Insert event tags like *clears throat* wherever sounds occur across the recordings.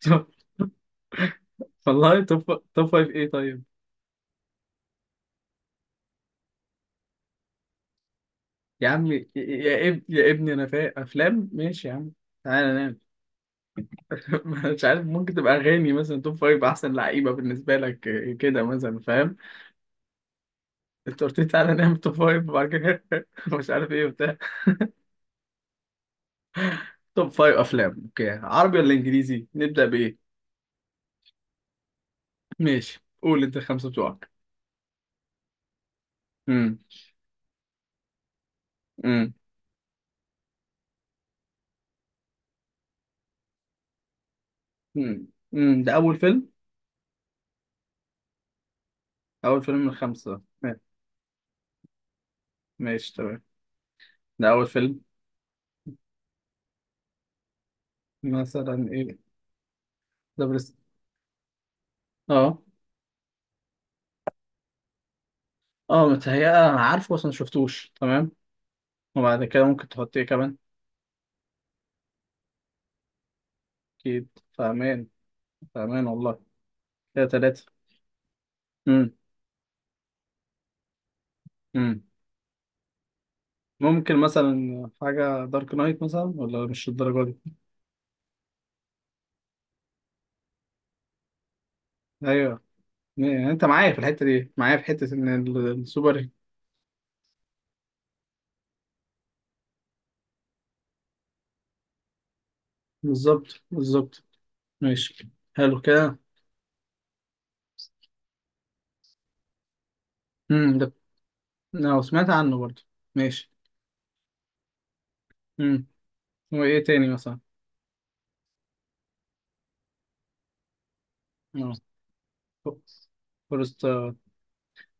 طب- والله توب فايف ايه؟ طيب يا عم يا يا ابني انا فايق افلام، ماشي يا عم. تعالى نام. *laughs* مش عارف، ممكن تبقى اغاني مثلا. توب فايف احسن لعيبه بالنسبه لك، إيه كده مثلا فاهم؟ انت قلت لي تعالى نام توب فايف وبعد كده *laughs* مش عارف ايه وبتاع. توب فايف افلام. اوكي، عربي ولا انجليزي؟ نبدا بايه؟ ماشي، قول انت الخمسه بتوعك. امم امم امم ده اول فيلم؟ اول فيلم من الخمسه. ماشي تمام، ده اول فيلم. مثلا ايه؟ ده برس، اه. اه متهيأ انا عارفه بس ما شفتوش، تمام. وبعد كده ممكن تحط ايه كمان؟ اكيد. فاهمان، فاهمان والله. كده تلاتة. امم امم ممكن مثلا حاجة دارك نايت مثلا؟ ولا مش الدرجة دي؟ ايوه. يعني انت معايا في الحتة دي، معايا في حتة ان السوبر. بالظبط، بالظبط. ماشي، حلو كده. ده انا سمعت عنه برضه. ماشي. امم وايه تاني مثلا؟ اه فورست.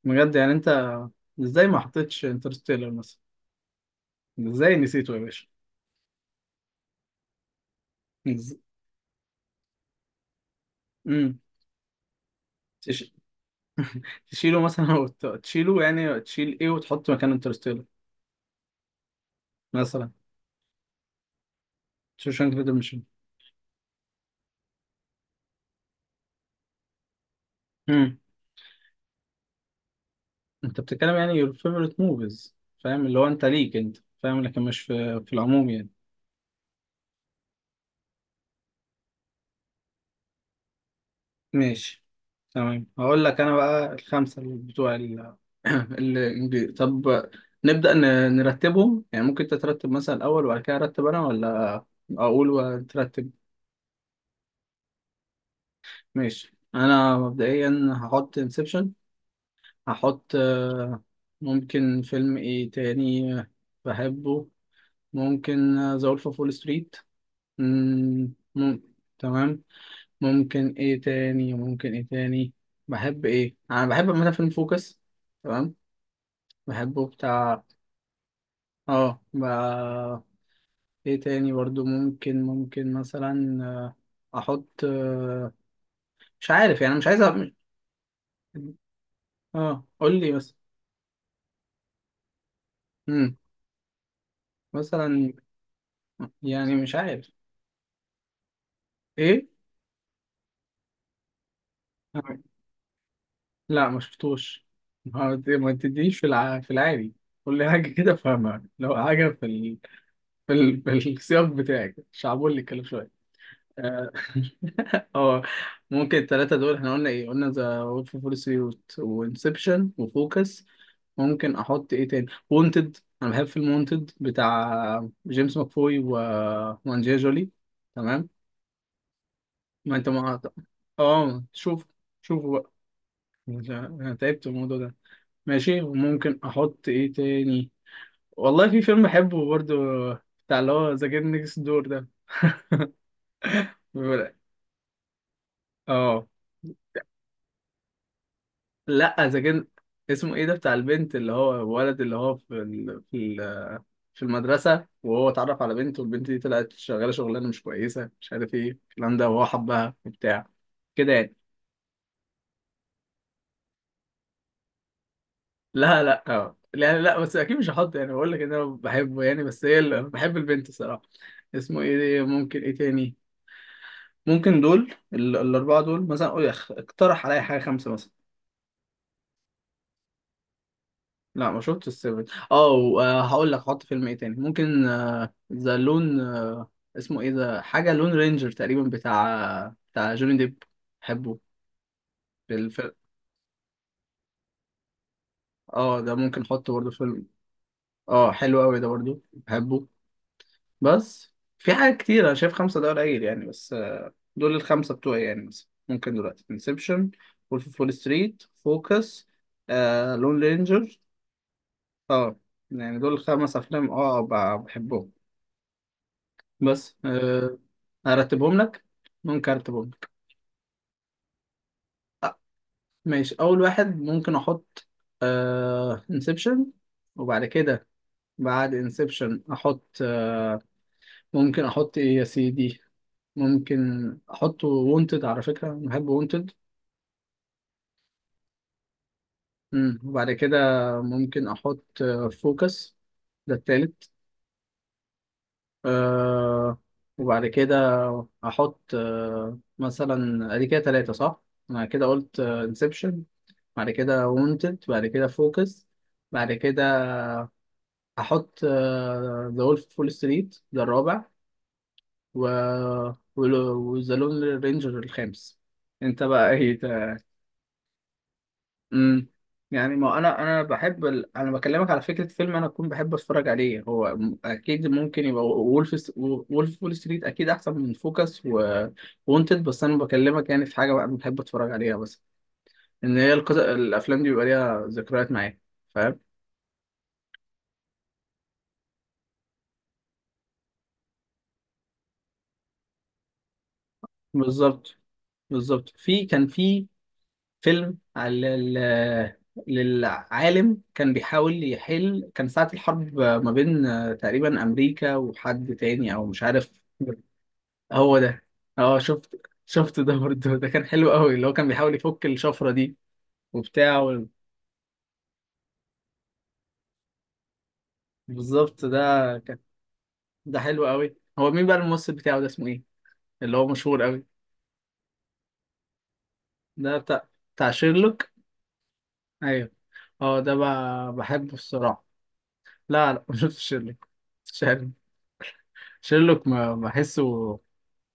بجد يعني انت، ازاي ما حطيتش انترستيلر مثلا؟ ازاي نسيته يا باشا؟ بز- مم. تش... تشيله مثلا؟ *laughs* أو تشيله، يعني تشيل ايه وتحط مكان انترستيلر مثلا؟ شوشانك ريدمشن. امم انت بتتكلم يعني your favorite movies، فاهم اللي هو انت ليك انت، فاهم؟ لكن مش في العموم يعني. ماشي تمام، هقول لك انا بقى الخمسة اللي بتوع *clears throat* الانجليزي. طب نبدأ ن... نرتبهم يعني، ممكن انت ترتب مثلا الاول وبعد كده ارتب انا، ولا اقول وترتب؟ ماشي، انا مبدئيا هحط انسبشن. هحط ممكن فيلم ايه تاني، بحبه. ممكن ذا وولف اوف وول ستريت. مم، مم، تمام. ممكن ايه تاني، ممكن ايه تاني؟ بحب ايه، انا بحب عامه فيلم فوكس، تمام، بحبه بتاع. اه ب... ايه تاني برضو؟ ممكن، ممكن مثلا احط مش عارف يعني، مش عايز اه قول لي بس. مم. مثلا، يعني مش عارف ايه. لا ما شفتوش. ما ما تديش في في العادي. قول لي حاجه كده فاهمها، لو حاجه في في السياق بتاعك، شعبولي الكلام شويه. اه، *laughs* آه، ممكن الثلاثه دول. احنا قلنا ايه؟ قلنا ذا وولف اوف وول ستريت وانسبشن وفوكس. ممكن احط ايه تاني؟ وونتد، انا بحب فيلم وونتد بتاع جيمس ماكفوي و وانجيا جولي. تمام. ما انت ما اه شوف، شوفوا بقى، انا تعبت من الموضوع ده. ماشي وممكن احط ايه تاني؟ والله في فيلم بحبه برضو، بتاع اللي هو ذا جيم نيكست دور ده. *laughs* بيقول- اه لا ذا جيم، اسمه ايه ده، بتاع البنت، اللي هو الولد اللي هو في في المدرسة، وهو اتعرف على بنت والبنت دي طلعت شغالة شغلانة مش كويسة مش عارف ايه الكلام ده، وهو حبها وبتاع كده يعني. لا لا اه، لا لا، بس اكيد مش هحط، يعني بقول لك ان انا بحبه يعني بس هي اللي بحب البنت الصراحة. اسمه ايه ده؟ ممكن ايه تاني؟ ممكن دول الأربعة دول مثلا، قول اقترح عليا حاجة خمسة مثلا. لا ما شفتش السيفن. هقول لك حط فيلم ايه تاني. ممكن ذا لون اسمه ايه ده، حاجة لون رينجر تقريبا، بتاع جوني ديب. بحبه الفيلم. اه ده ممكن احطه برضه فيلم. اه حلو قوي ده برضه بحبه. بس في حاجات كتير انا شايف خمسة ده قليل يعني، بس دول الخمسة بتوعي يعني. مثلا ممكن دلوقتي انسبشن، وولف اوف وول ستريت، فوكس، لون رينجر. اه. يعني دول خمس افلام اه بحبهم، بس ارتبهم لك، ممكن ارتبهم لك. آه، ماشي، اول واحد ممكن احط آه انسبشن. وبعد كده بعد انسبشن احط ممكن احط ايه يا سيدي؟ ممكن احط وونتد، على فكرة أنا بحب وونتد. وبعد كده ممكن احط فوكس، ده التالت آه. وبعد كده هحط آه مثلا، ادي كده تلاتة صح؟ انا كده قلت انسبشن، بعد كده وونتد، بعد كده فوكس، بعد كده هحط ذا وولف فول ستريت ده الرابع، و وذا لون رينجر الخامس. انت بقى ايه؟ امم يعني ما انا انا بحب انا بكلمك على فكره، فيلم انا اكون بحب اتفرج عليه، هو اكيد ممكن يبقى وولف وول ستريت اكيد احسن من فوكس و وونتد، بس انا بكلمك يعني في حاجه بقى بحب اتفرج عليها، بس ان هي الافلام دي بيبقى ليها ذكريات معايا، فاهم؟ بالظبط، بالظبط. كان في فيلم على للعالم، كان بيحاول يحل، كان ساعة الحرب ما بين تقريبا أمريكا وحد تاني أو مش عارف. هو ده، اه. شفت، شفت ده برضه، ده كان حلو قوي، اللي هو كان بيحاول يفك الشفرة دي وبتاع بالظبط ده كان، ده حلو قوي. هو مين بقى الممثل بتاعه ده، اسمه ايه، اللي هو مشهور قوي؟ ده بتاع، بتاع شيرلوك. ايوه اه، ده بحبه الصراحة. لا لا ما شفتش شيرلوك. شيرلوك شيرلوك ما بحسه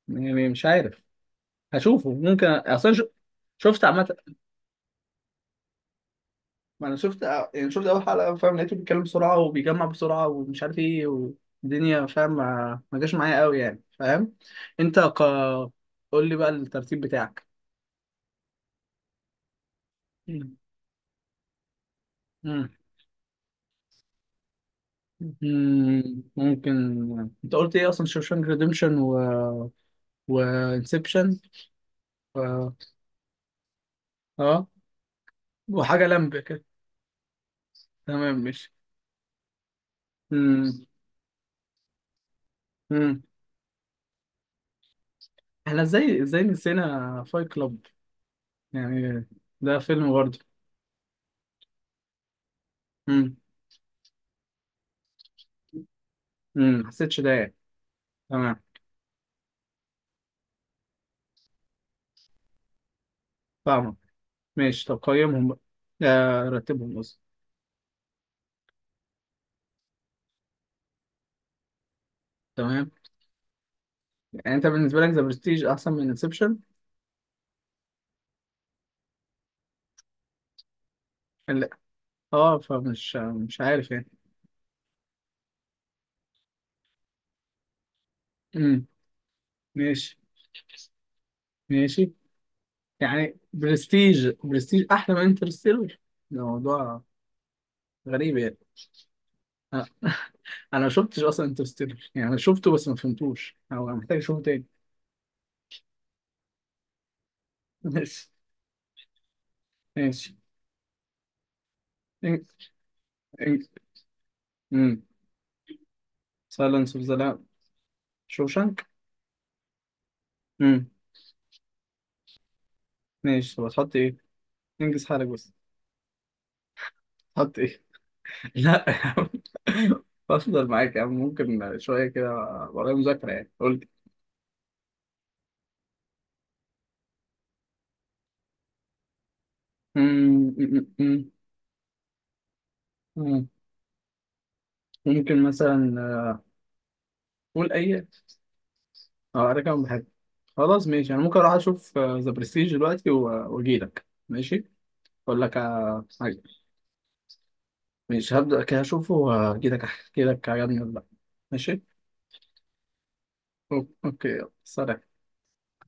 يعني، مش عارف، هشوفه ممكن اصلا. شفت عامة، ما انا شفت يعني، شفت اول حلقه، فاهم؟ لقيته بيتكلم بسرعه وبيجمع بسرعه ومش عارف ايه والدنيا، فاهم؟ ما ما جاش معايا قوي يعني، فاهم؟ انت قول لي بقى الترتيب بتاعك. مم. مم. ممكن، انت قلت ايه اصلا؟ شوشانك ريديمشن و وانسبشن و اه وحاجه لمبه كده. تمام ماشي. مم. مم. احنا ازاي، ازاي نسينا فايت كلاب؟ يعني ده فيلم برضه. مم. حسيتش ده يعني. تمام، فاهمك. ماشي، طب قيمهم بقى، آه رتبهم قصدي. تمام. يعني انت بالنسبه لك ذا برستيج احسن من انسبشن؟ لا اه، فمش، مش عارف يعني. امم ماشي ماشي. يعني برستيج، برستيج احلى من انترستيلر، ده موضوع غريب يعني. انا أنا ما شفتش اصلا انترستيلر، يعني انا شفته بس ما فهمتوش، او أنا محتاج اشوفه تاني. *laughs* ماشي ماشي. امم سايلنس اوف ذا لام، شوشانك. امم ماشي طب هتحط ايه؟ انجز حالك بس، هتحط ايه؟ لا يا عم، *laughs* بفضل معاك يا عم، ممكن شوية كده، ورايا مذاكرة يعني قلت. ممكن مثلا، قول أي، أه أنا كمان بحب. خلاص ماشي، أنا ممكن أروح أشوف ذا برستيج دلوقتي وأجيلك، ماشي أقول لك حاجة. ماشي هبدأ كده، أشوفه وأجيلك أحكي لك عجبني ولا لأ. ماشي. أوكي، يلا. سلام.